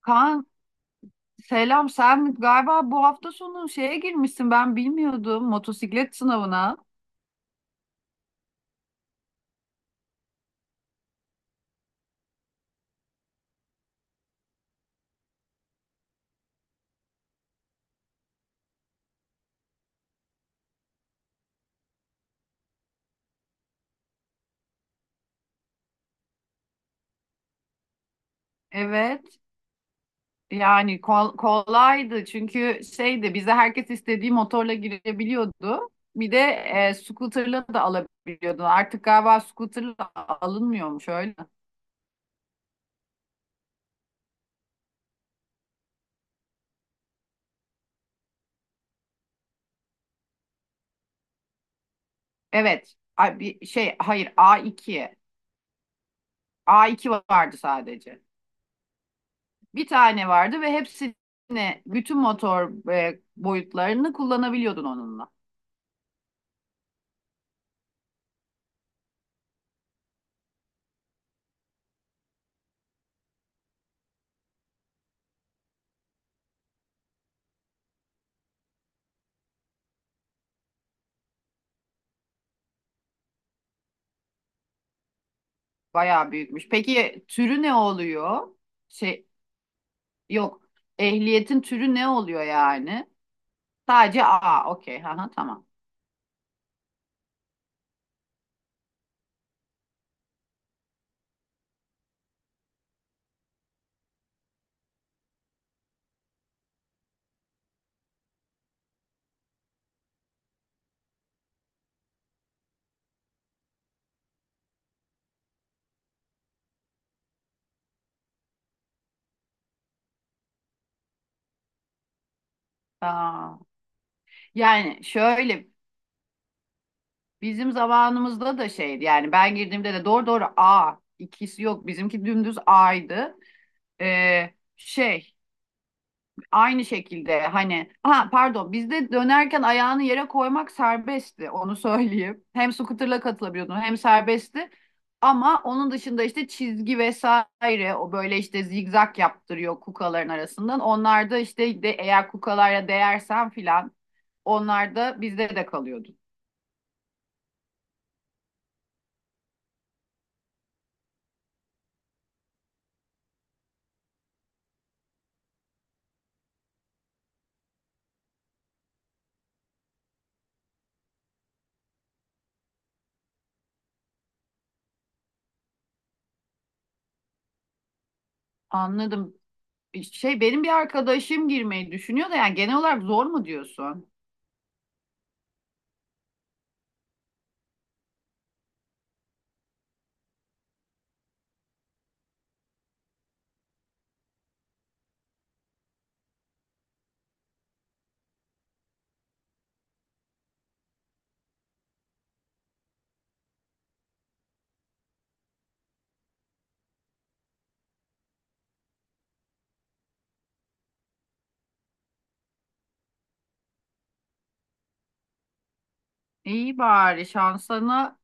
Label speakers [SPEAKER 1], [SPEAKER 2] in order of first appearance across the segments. [SPEAKER 1] Kaan, selam. Sen galiba bu hafta sonu şeye girmişsin, ben bilmiyordum, motosiklet sınavına. Evet, yani kolaydı çünkü şeydi, bize herkes istediği motorla girebiliyordu. Bir de scooter'la da alabiliyordu. Artık galiba scooter'la alınmıyormuş öyle. Evet, A- bir şey hayır, A2. A2 vardı sadece. Bir tane vardı ve hepsini, bütün motor boyutlarını kullanabiliyordun onunla. Bayağı büyükmüş. Peki türü ne oluyor? Şey Yok. Ehliyetin türü ne oluyor yani? Sadece A. Okey. Aha, tamam. Aa. Yani şöyle, bizim zamanımızda da şeydi, yani ben girdiğimde de doğru, A ikisi yok. Bizimki dümdüz A'ydı. Ee, şey Aynı şekilde, hani, ha, pardon, bizde dönerken ayağını yere koymak serbestti, onu söyleyeyim. Hem scooter'la katılabiliyordun hem serbestti. Ama onun dışında işte çizgi vesaire, o böyle işte zigzag yaptırıyor kukaların arasından. Onlar da işte de, eğer kukalara değersen filan, onlar da bizde de kalıyordu. Anladım. Benim bir arkadaşım girmeyi düşünüyor da, yani genel olarak zor mu diyorsun? İyi, bari şansına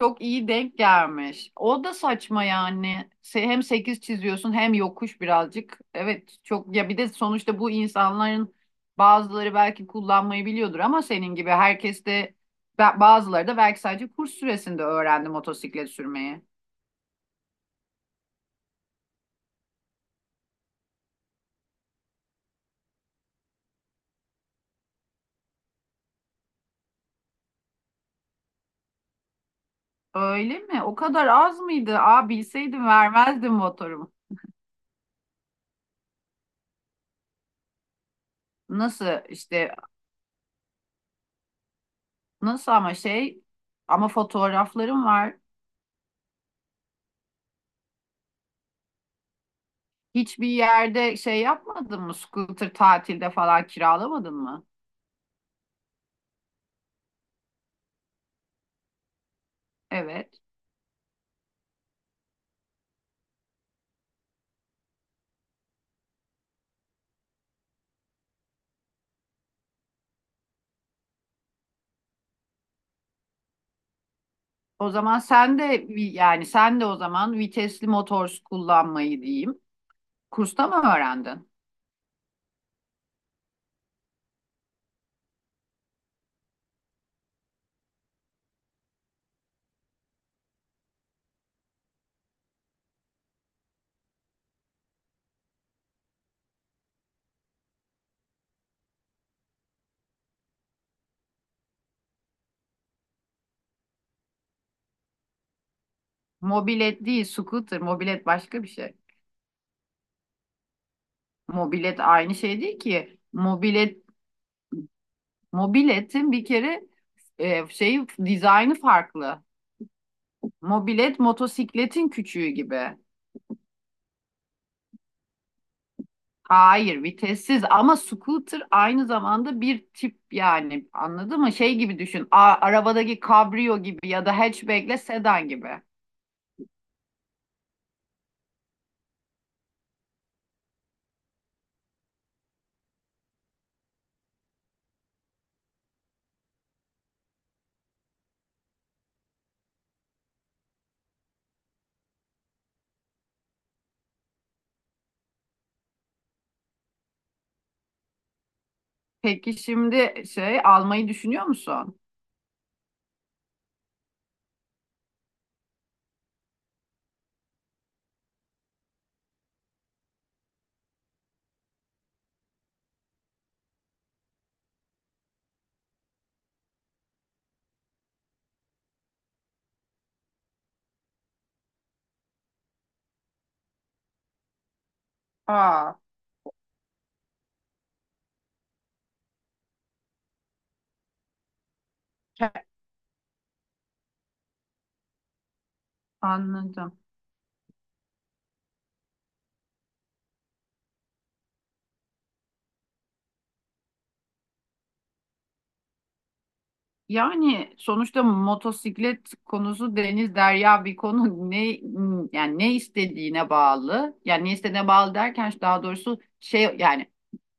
[SPEAKER 1] çok iyi denk gelmiş. O da saçma yani. Hem 8 çiziyorsun hem yokuş birazcık. Evet, çok. Ya bir de sonuçta bu insanların bazıları belki kullanmayı biliyordur ama senin gibi herkes de bazıları da belki sadece kurs süresinde öğrendi motosiklet sürmeyi. Öyle mi? O kadar az mıydı? Aa, bilseydim vermezdim motorumu. Nasıl işte, nasıl, ama fotoğraflarım var. Hiçbir yerde şey yapmadın mı? Scooter tatilde falan kiralamadın mı? Evet. O zaman sen de yani sen de o zaman vitesli motor kullanmayı diyeyim. Kursta mı öğrendin? Mobilet değil, scooter. Mobilet başka bir şey. Mobilet aynı şey değil ki. Mobiletin bir kere dizaynı farklı. Mobilet motosikletin küçüğü gibi. Hayır, vitessiz, ama scooter aynı zamanda bir tip, yani anladın mı? Şey gibi düşün, arabadaki kabrio gibi ya da hatchback'le sedan gibi. Peki şimdi şey almayı düşünüyor musun? Aa. ke- Anladım. Yani sonuçta motosiklet konusu deniz derya bir konu. Ne yani, ne istediğine bağlı. Yani ne istediğine bağlı derken, daha doğrusu,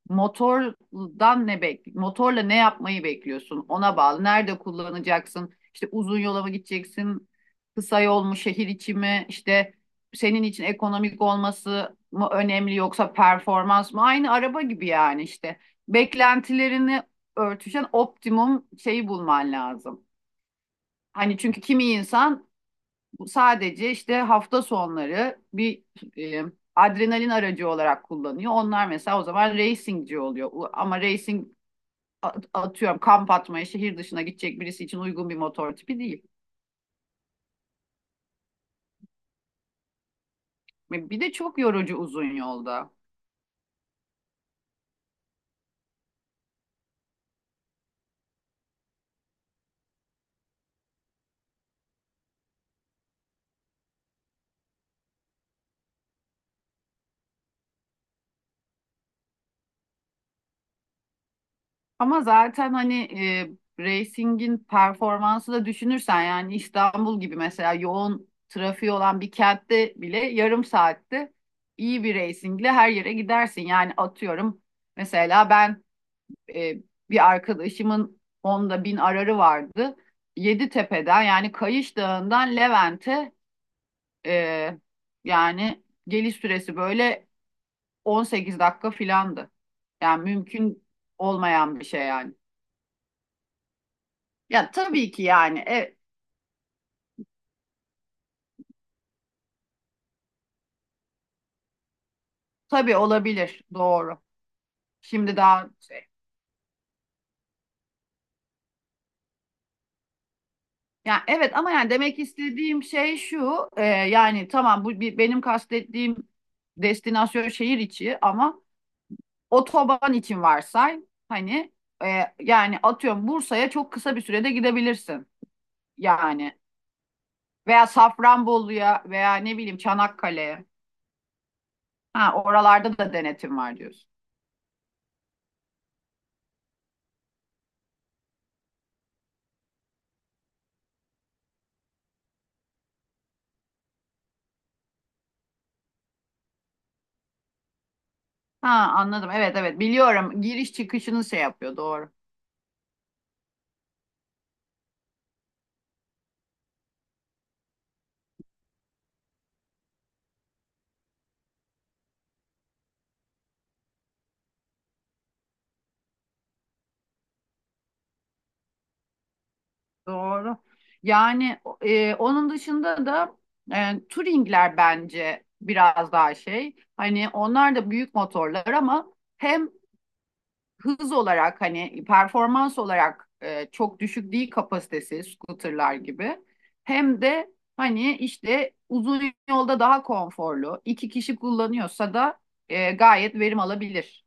[SPEAKER 1] Motordan ne bek motorla ne yapmayı bekliyorsun? Ona bağlı. Nerede kullanacaksın? İşte uzun yola mı gideceksin? Kısa yol mu, şehir içi mi? İşte senin için ekonomik olması mı önemli yoksa performans mı? Aynı araba gibi yani işte. Beklentilerini örtüşen optimum şeyi bulman lazım. Hani, çünkü kimi insan sadece işte hafta sonları bir e, adrenalin aracı olarak kullanıyor. Onlar mesela o zaman racingci oluyor. Ama racing, atıyorum kamp atmaya şehir dışına gidecek birisi için uygun bir motor tipi değil. Bir de çok yorucu uzun yolda. Ama zaten hani racing'in performansı da düşünürsen, yani İstanbul gibi mesela yoğun trafiği olan bir kentte bile yarım saatte iyi bir racingle her yere gidersin. Yani atıyorum, mesela ben e, bir arkadaşımın onda bin ararı vardı. Yeditepe'den, yani Kayış Dağı'ndan Levent'e e, yani geliş süresi böyle 18 dakika filandı. Yani mümkün olmayan bir şey yani. Ya tabii ki yani tabii olabilir, doğru. Şimdi daha şey. Yani evet ama yani demek istediğim şey şu, yani tamam bu bir, benim kastettiğim destinasyon şehir içi ama Otoban için varsay hani e, yani atıyorum Bursa'ya çok kısa bir sürede gidebilirsin, yani veya Safranbolu'ya veya ne bileyim Çanakkale'ye. Ha, oralarda da denetim var diyorsun. Ha, anladım, evet evet, biliyorum, giriş çıkışını şey yapıyor, doğru doğru. Yani onun dışında da, Touring'ler bence biraz daha şey, hani onlar da büyük motorlar ama hem hız olarak, hani performans olarak çok düşük değil kapasitesi scooterlar gibi. Hem de hani işte uzun yolda daha konforlu. İki kişi kullanıyorsa da gayet verim alabilir.